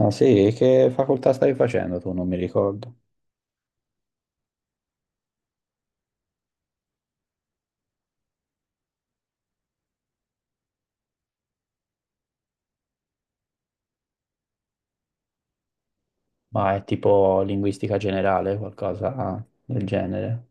Ah sì, che facoltà stai facendo tu? Non mi ricordo. Ma è tipo linguistica generale, qualcosa del genere.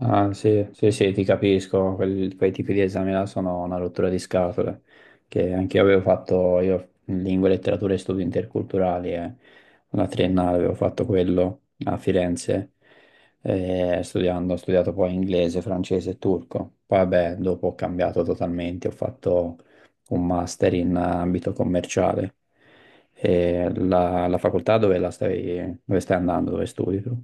Ah, sì, sì, sì, ti capisco, quei tipi di esami là sono una rottura di scatole, che anche io avevo fatto, io in lingue, letterature e studi interculturali, una triennale avevo fatto quello a Firenze, ho studiato poi inglese, francese e turco. Poi vabbè, dopo ho cambiato totalmente, ho fatto un master in ambito commerciale. E la facoltà dove stai andando, dove studi tu?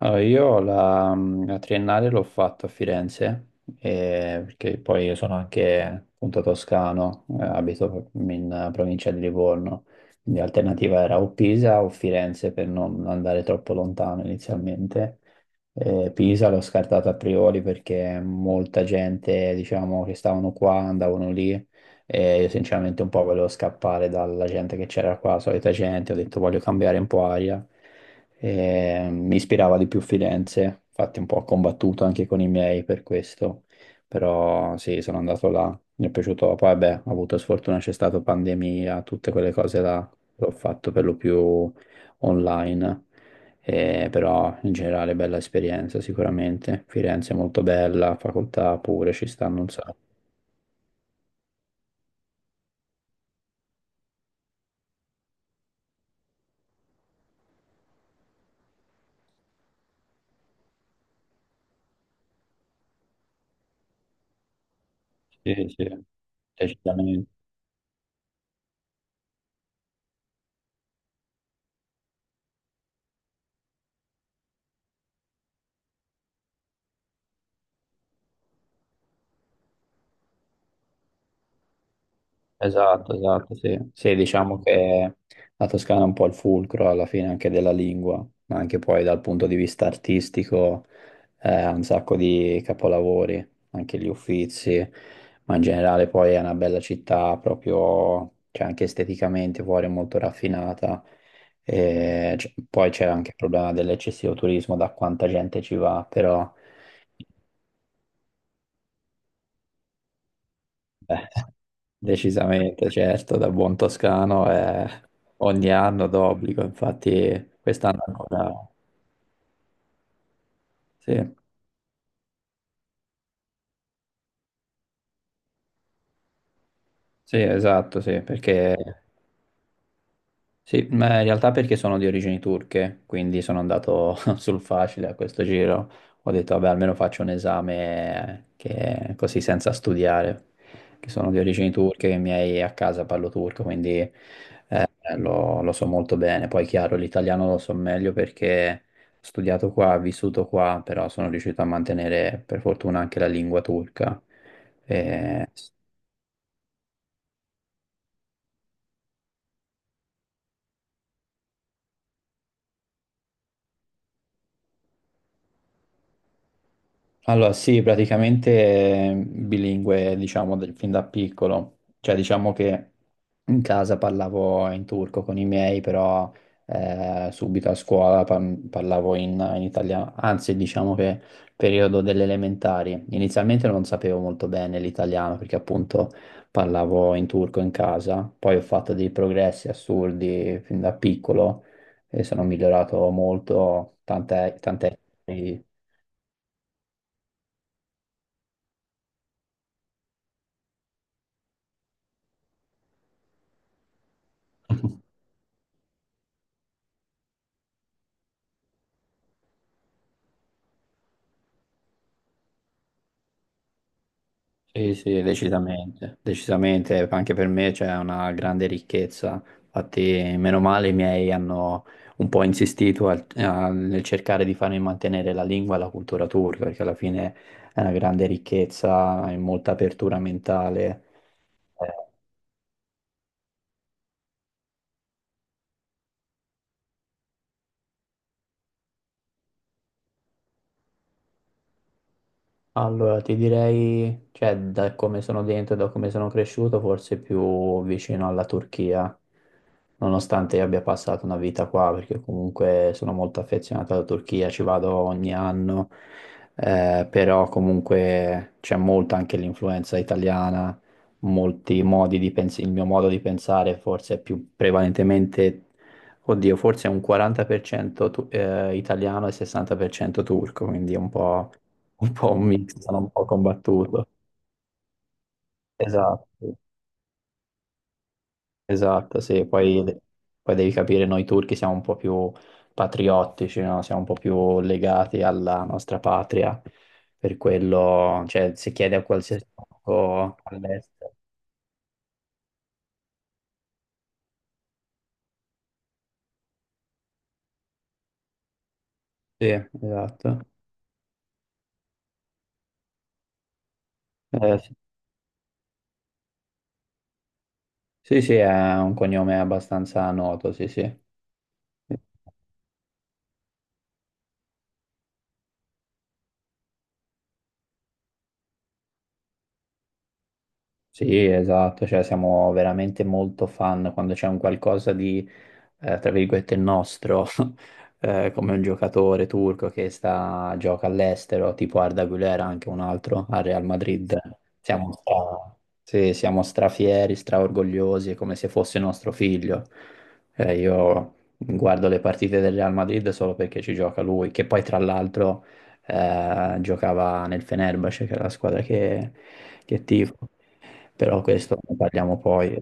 Allora, io la triennale l'ho fatto a Firenze, perché poi io sono anche appunto toscano, abito in provincia di Livorno, quindi l'alternativa era o Pisa o Firenze per non andare troppo lontano inizialmente. Pisa l'ho scartato a priori perché molta gente, diciamo, che stavano qua andavano lì e io sinceramente un po' volevo scappare dalla gente che c'era qua, la solita gente, ho detto voglio cambiare un po' aria. E mi ispirava di più Firenze, infatti un po' ho combattuto anche con i miei per questo, però sì, sono andato là, mi è piaciuto, poi beh, ho avuto sfortuna, c'è stata pandemia, tutte quelle cose là, l'ho fatto per lo più online. Però in generale bella esperienza sicuramente. Firenze è molto bella, facoltà pure, ci stanno un sacco. Sì, sì, decisamente. Esatto, esatto, sì. Sì, diciamo che la Toscana è un po' il fulcro alla fine anche della lingua, ma anche poi dal punto di vista artistico ha un sacco di capolavori, anche gli Uffizi, ma in generale poi è una bella città proprio, cioè anche esteticamente fuori è molto raffinata. E poi c'è anche il problema dell'eccessivo turismo, da quanta gente ci va, però. eh, Decisamente, certo, da buon toscano ogni anno d'obbligo, infatti quest'anno ancora. Sì, sì, esatto, sì, perché. Sì, ma in realtà perché sono di origini turche, quindi sono andato sul facile a questo giro. Ho detto, vabbè, almeno faccio un esame così senza studiare, che sono di origini turche, che i miei a casa parlo turco, quindi. Lo so molto bene, poi chiaro, l'italiano lo so meglio perché ho studiato qua, ho vissuto qua, però sono riuscito a mantenere per fortuna anche la lingua turca. Mm. Allora, sì, praticamente bilingue, diciamo, fin da piccolo. Cioè, diciamo che in casa parlavo in turco con i miei, però subito a scuola parlavo in italiano. Anzi, diciamo che periodo delle elementari. Inizialmente non sapevo molto bene l'italiano, perché appunto parlavo in turco in casa. Poi ho fatto dei progressi assurdi fin da piccolo e sono migliorato moltoche- Sì, sì, decisamente, decisamente, anche per me c'è una grande ricchezza, infatti meno male i miei hanno un po' insistito nel cercare di farmi mantenere la lingua e la cultura turca, perché alla fine è una grande ricchezza e molta apertura mentale. Eh, Allora, ti direi, cioè, da come sono dentro e da come sono cresciuto, forse più vicino alla Turchia, nonostante io abbia passato una vita qua, perché comunque sono molto affezionato alla Turchia, ci vado ogni anno, però comunque c'è molto anche l'influenza italiana, molti modi di pensare, il mio modo di pensare forse è più prevalentemente, oddio, forse è un 40% italiano e 60% turco, quindi è un po' un mix, sono un po' combattuto. Esatto, sì. Esatto, sì, poi devi capire, noi turchi siamo un po' più patriottici, no? Siamo un po' più legati alla nostra patria, per quello, cioè, se chiedi a qualsiasi turco all'estero. Sì, esatto. Sì, sì, sì, è un cognome abbastanza noto, sì, sì. Sì, esatto, cioè siamo veramente molto fan quando c'è un qualcosa di tra virgolette, il nostro, come un giocatore turco che gioca all'estero, tipo Arda Güler, anche un altro al Real Madrid. Sì, siamo strafieri, straorgogliosi, è come se fosse nostro figlio. Io guardo le partite del Real Madrid solo perché ci gioca lui, che poi tra l'altro giocava nel Fenerbahce, che è la squadra che tifo. Però questo ne parliamo poi.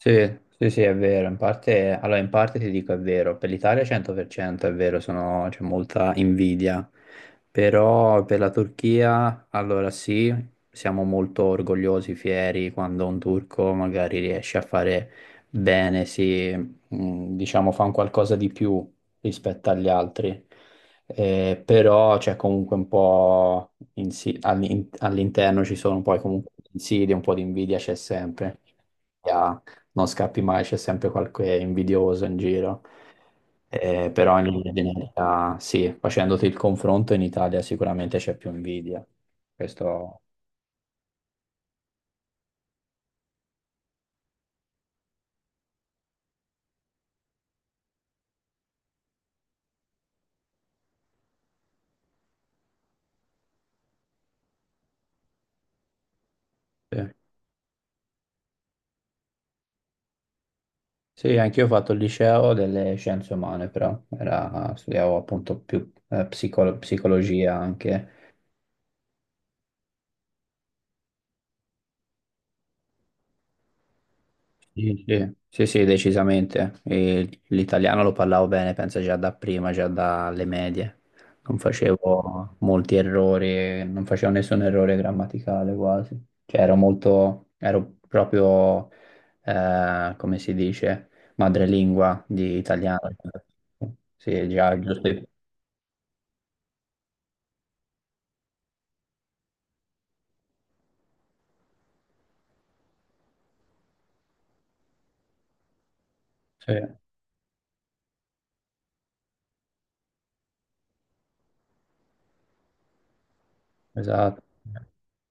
Sì, sì, sì, è vero, in parte, allora in parte ti dico è vero, per l'Italia 100% è vero, c'è molta invidia, però per la Turchia, allora sì, siamo molto orgogliosi, fieri quando un turco magari riesce a fare bene, si, diciamo, fa un qualcosa di più rispetto agli altri. Però c'è comunque un po' all'interno ci sono poi comunque insidie, un po' di invidia c'è sempre non scappi mai, c'è sempre qualche invidioso in giro. Però in linea di media, sì, facendoti il confronto in Italia sicuramente c'è più invidia. Questo sì. Sì, anch'io ho fatto il liceo delle scienze umane, però studiavo appunto più psicologia anche. Sì, sì, sì, sì, decisamente. E l'italiano lo parlavo bene, penso già da prima, già dalle medie. Non facevo molti errori, non facevo nessun errore grammaticale quasi. Cioè ero molto, ero proprio, come si dice, madrelingua di italiano. Sì, già, giusto. Sì, esatto.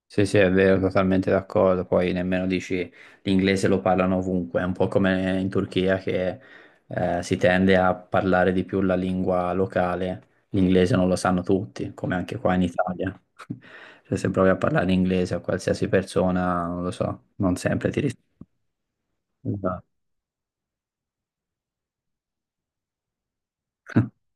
Sì, sì, è vero, totalmente d'accordo. Poi nemmeno dici l'inglese lo parlano ovunque, è un po' come in Turchia che si tende a parlare di più la lingua locale. L'inglese non lo sanno tutti, come anche qua in Italia. Cioè, se provi a parlare inglese a qualsiasi persona, non lo so, non sempre ti risponde.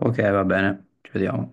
Ok, va bene, ci vediamo.